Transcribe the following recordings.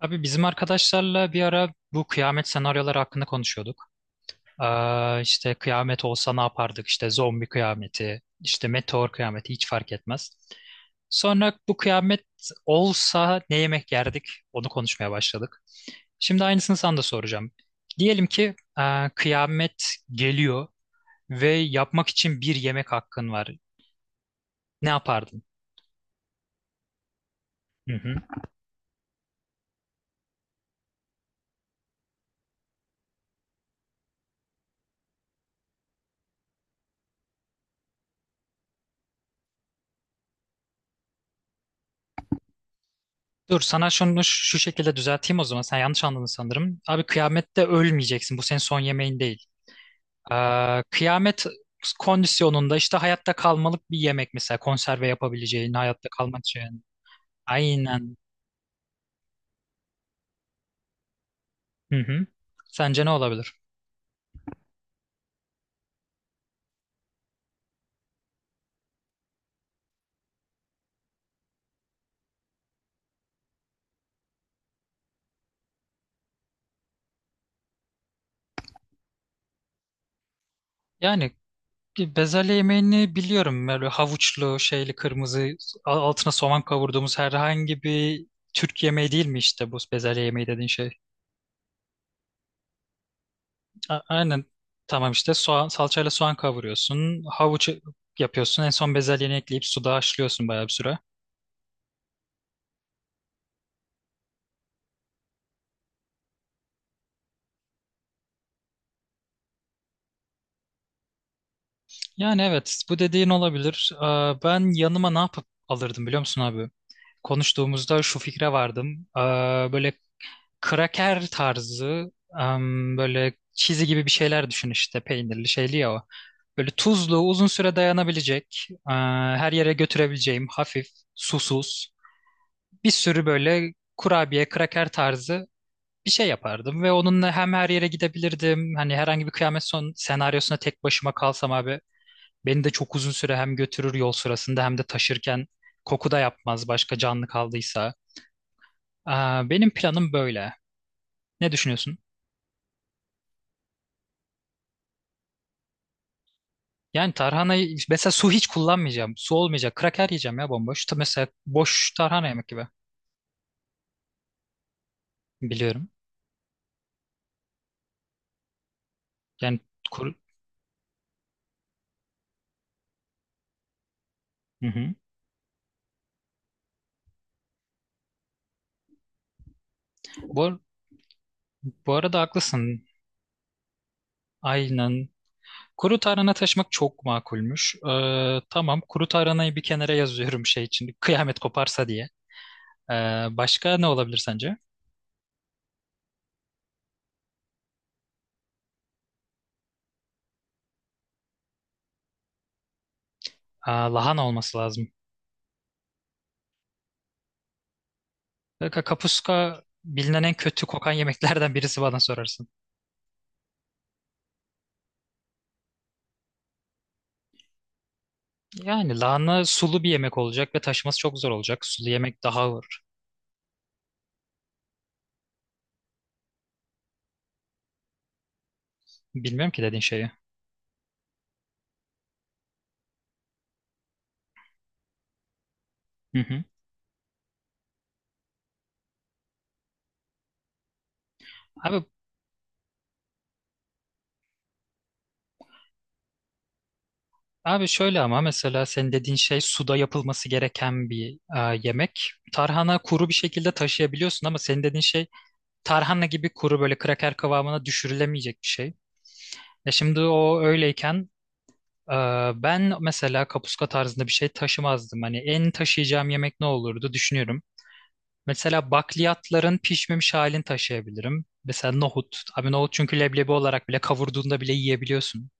Abi bizim arkadaşlarla bir ara bu kıyamet senaryoları hakkında konuşuyorduk. İşte kıyamet olsa ne yapardık? İşte zombi kıyameti, işte meteor kıyameti hiç fark etmez. Sonra bu kıyamet olsa ne yemek yerdik? Onu konuşmaya başladık. Şimdi aynısını sana da soracağım. Diyelim ki kıyamet geliyor ve yapmak için bir yemek hakkın var. Ne yapardın? Hı hı. Dur sana şunu şu şekilde düzelteyim o zaman. Sen yanlış anladın sanırım. Abi kıyamette ölmeyeceksin. Bu senin son yemeğin değil. Kıyamet kondisyonunda işte hayatta kalmalık bir yemek mesela. Konserve yapabileceğin, hayatta kalmak için. Aynen. Hı hı. Sence ne olabilir? Yani bezelye yemeğini biliyorum. Böyle havuçlu, şeyli, kırmızı, altına soğan kavurduğumuz herhangi bir Türk yemeği değil mi işte bu bezelye yemeği dediğin şey? A- Aynen. Tamam işte soğan, salçayla soğan kavuruyorsun. Havuç yapıyorsun. En son bezelyeni ekleyip suda haşlıyorsun bayağı bir süre. Yani evet bu dediğin olabilir. Aa, ben yanıma ne yapıp alırdım biliyor musun abi? Konuştuğumuzda şu fikre vardım. Aa, böyle kraker tarzı, böyle çizi gibi bir şeyler düşün işte peynirli şeyli ya o. Böyle tuzlu uzun süre dayanabilecek, aa, her yere götürebileceğim hafif, susuz, bir sürü böyle kurabiye kraker tarzı bir şey yapardım ve onunla hem her yere gidebilirdim. Hani herhangi bir kıyamet son senaryosuna tek başıma kalsam abi beni de çok uzun süre hem götürür yol sırasında hem de taşırken koku da yapmaz başka canlı kaldıysa. Aa, benim planım böyle. Ne düşünüyorsun? Yani tarhanayı mesela su hiç kullanmayacağım. Su olmayacak. Kraker yiyeceğim ya bomboş. Ta- Mesela boş tarhana yemek gibi. Biliyorum. Yani kuru... Hı hı. Bu, bu arada haklısın. Aynen. Kuru tarhana taşımak çok makulmüş. Tamam kuru tarhanayı bir kenara yazıyorum şey için kıyamet koparsa diye. Ee, Başka ne olabilir sence? Aa, lahana olması lazım. Kanka, kapuska bilinen en kötü kokan yemeklerden birisi bana sorarsın. Yani lahana sulu bir yemek olacak ve taşıması çok zor olacak. Sulu yemek daha ağır. Bilmiyorum ki dediğin şeyi. Hı hı. Abi Abi şöyle ama mesela senin dediğin şey suda yapılması gereken bir yemek. Tarhana kuru bir şekilde taşıyabiliyorsun ama senin dediğin şey tarhana gibi kuru böyle kraker kıvamına düşürülemeyecek bir şey. E şimdi o öyleyken, e, ben mesela kapuska tarzında bir şey taşımazdım. Hani en taşıyacağım yemek ne olurdu düşünüyorum. Mesela bakliyatların pişmemiş halini taşıyabilirim. Mesela nohut. Abi nohut çünkü leblebi olarak bile kavurduğunda bile yiyebiliyorsun.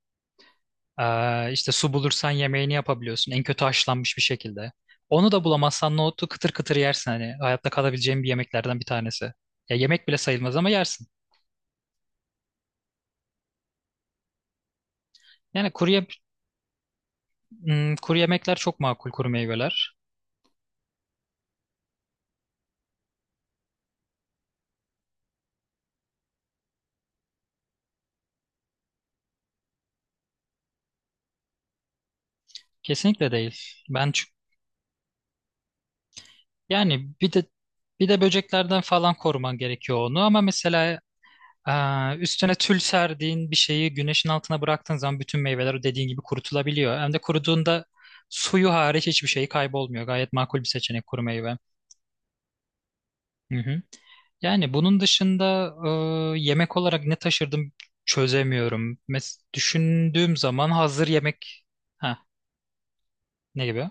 İşte su bulursan yemeğini yapabiliyorsun. En kötü haşlanmış bir şekilde. Onu da bulamazsan nohutu kıtır kıtır yersin hani. Hayatta kalabileceğin bir yemeklerden bir tanesi. Ya yemek bile sayılmaz ama yersin. Yani kuru, hmm, kuru yemekler çok makul kuru meyveler. Kesinlikle değil. Ben çü- yani bir de böceklerden falan koruman gerekiyor onu ama mesela üstüne tül serdiğin bir şeyi güneşin altına bıraktığın zaman bütün meyveler o dediğin gibi kurutulabiliyor. Hem de kuruduğunda suyu hariç hiçbir şey kaybolmuyor. Gayet makul bir seçenek kuru meyve. Hı hı. Yani bunun dışında yemek olarak ne taşırdım çözemiyorum. Mes düşündüğüm zaman hazır yemek. Ha, ne gibi?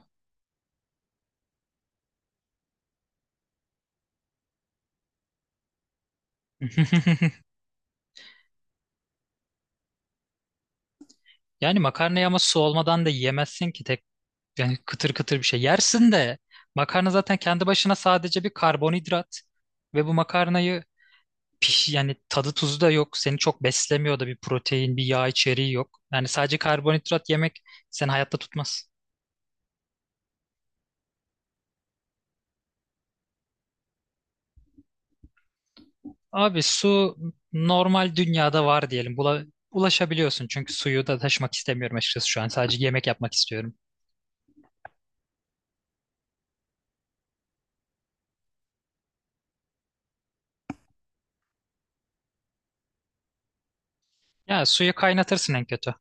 Yani makarnayı ama su olmadan da yiyemezsin ki tek, yani kıtır kıtır bir şey. Yersin de makarna zaten kendi başına sadece bir karbonhidrat ve bu makarnayı piş yani tadı tuzu da yok. Seni çok beslemiyor da bir protein, bir yağ içeriği yok. Yani sadece karbonhidrat yemek seni hayatta tutmaz. Abi su normal dünyada var diyelim. Bula, ulaşabiliyorsun çünkü suyu da taşımak istemiyorum açıkçası şu an. Sadece yemek yapmak istiyorum. Ya suyu kaynatırsın en kötü.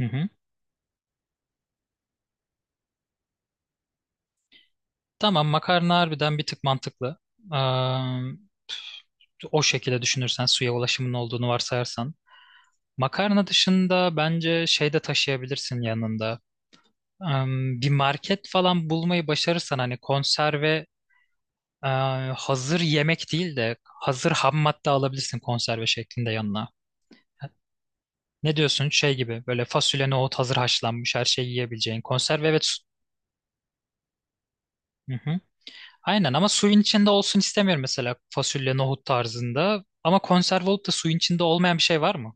Hı hı. Tamam makarna harbiden bir tık mantıklı. Ee, O şekilde düşünürsen suya ulaşımın olduğunu varsayarsan. Makarna dışında bence şey de taşıyabilirsin yanında. Ee, Bir market falan bulmayı başarırsan hani konserve, e, hazır yemek değil de hazır ham madde alabilirsin konserve şeklinde yanına. Ne diyorsun? Şey gibi böyle fasulye, nohut hazır haşlanmış her şeyi yiyebileceğin. Konserve evet. Hı hı. Aynen ama suyun içinde olsun istemiyorum mesela fasulye, nohut tarzında. Ama konserve olup da suyun içinde olmayan bir şey var mı?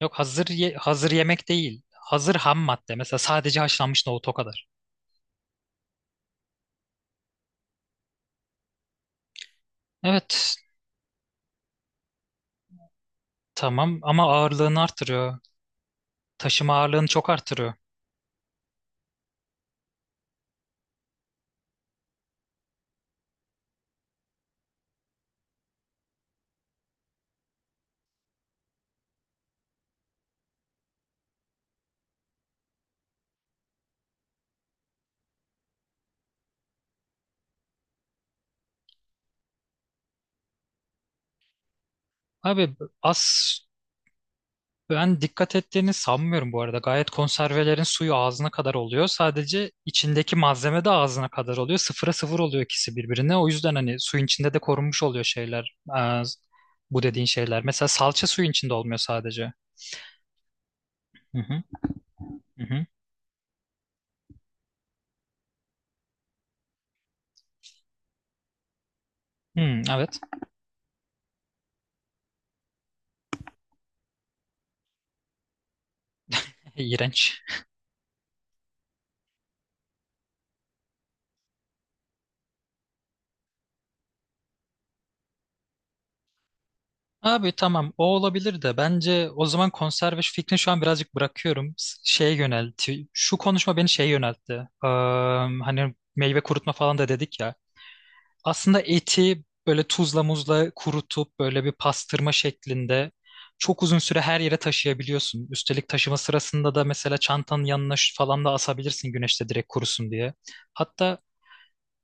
Yok hazır ye- hazır yemek değil. Hazır ham madde. Mesela sadece haşlanmış nohut o kadar. Evet tamam ama ağırlığını artırıyor. Taşıma ağırlığını çok artırıyor. Abi az. Ben dikkat ettiğini sanmıyorum bu arada. Gayet konservelerin suyu ağzına kadar oluyor. Sadece içindeki malzeme de ağzına kadar oluyor. Sıfıra sıfır oluyor ikisi birbirine. O yüzden hani suyun içinde de korunmuş oluyor şeyler. Bu dediğin şeyler. Mesela salça suyun içinde olmuyor sadece. Hı hı, hı hı. Hmm, evet. İğrenç. Abi tamam o olabilir de bence o zaman konserve şu fikrini şu an birazcık bırakıyorum. S- Şeye yöneltti. Şu konuşma beni şeye yöneltti. Ee, Hani meyve kurutma falan da dedik ya. Aslında eti böyle tuzla muzla kurutup böyle bir pastırma şeklinde çok uzun süre her yere taşıyabiliyorsun. Üstelik taşıma sırasında da mesela çantanın yanına şu- falan da asabilirsin güneşte direkt kurusun diye. Hatta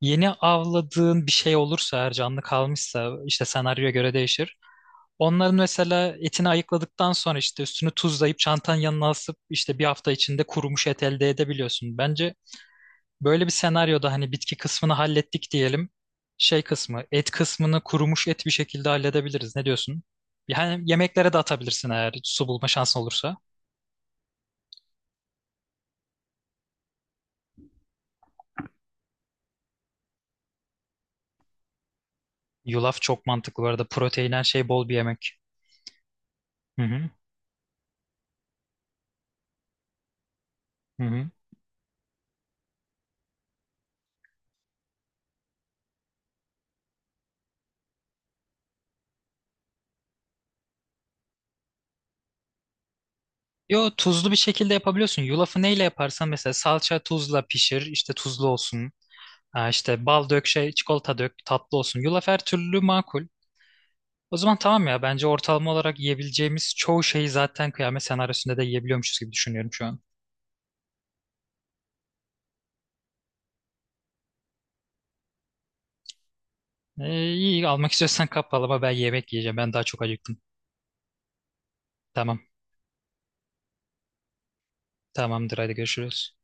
yeni avladığın bir şey olursa eğer canlı kalmışsa işte senaryoya göre değişir. Onların mesela etini ayıkladıktan sonra işte üstünü tuzlayıp çantanın yanına asıp işte bir hafta içinde kurumuş et elde edebiliyorsun. Bence böyle bir senaryoda hani bitki kısmını hallettik diyelim. Şey kısmı, et kısmını kurumuş et bir şekilde halledebiliriz. Ne diyorsun? Yani yemeklere de atabilirsin eğer su bulma şansın olursa. Yulaf çok mantıklı bu arada. Protein her şey bol bir yemek. Hı hı. Hı hı. Yo tuzlu bir şekilde yapabiliyorsun. Yulafı neyle yaparsan mesela salça tuzla pişir. İşte tuzlu olsun. Ha, işte bal dök şey çikolata dök tatlı olsun. Yulaf her türlü makul. O zaman tamam ya bence ortalama olarak yiyebileceğimiz çoğu şeyi zaten kıyamet senaryosunda da yiyebiliyormuşuz gibi düşünüyorum şu an. İyi almak istiyorsan kap ama ben yemek yiyeceğim. Ben daha çok acıktım. Tamam. Tamamdır hadi görüşürüz.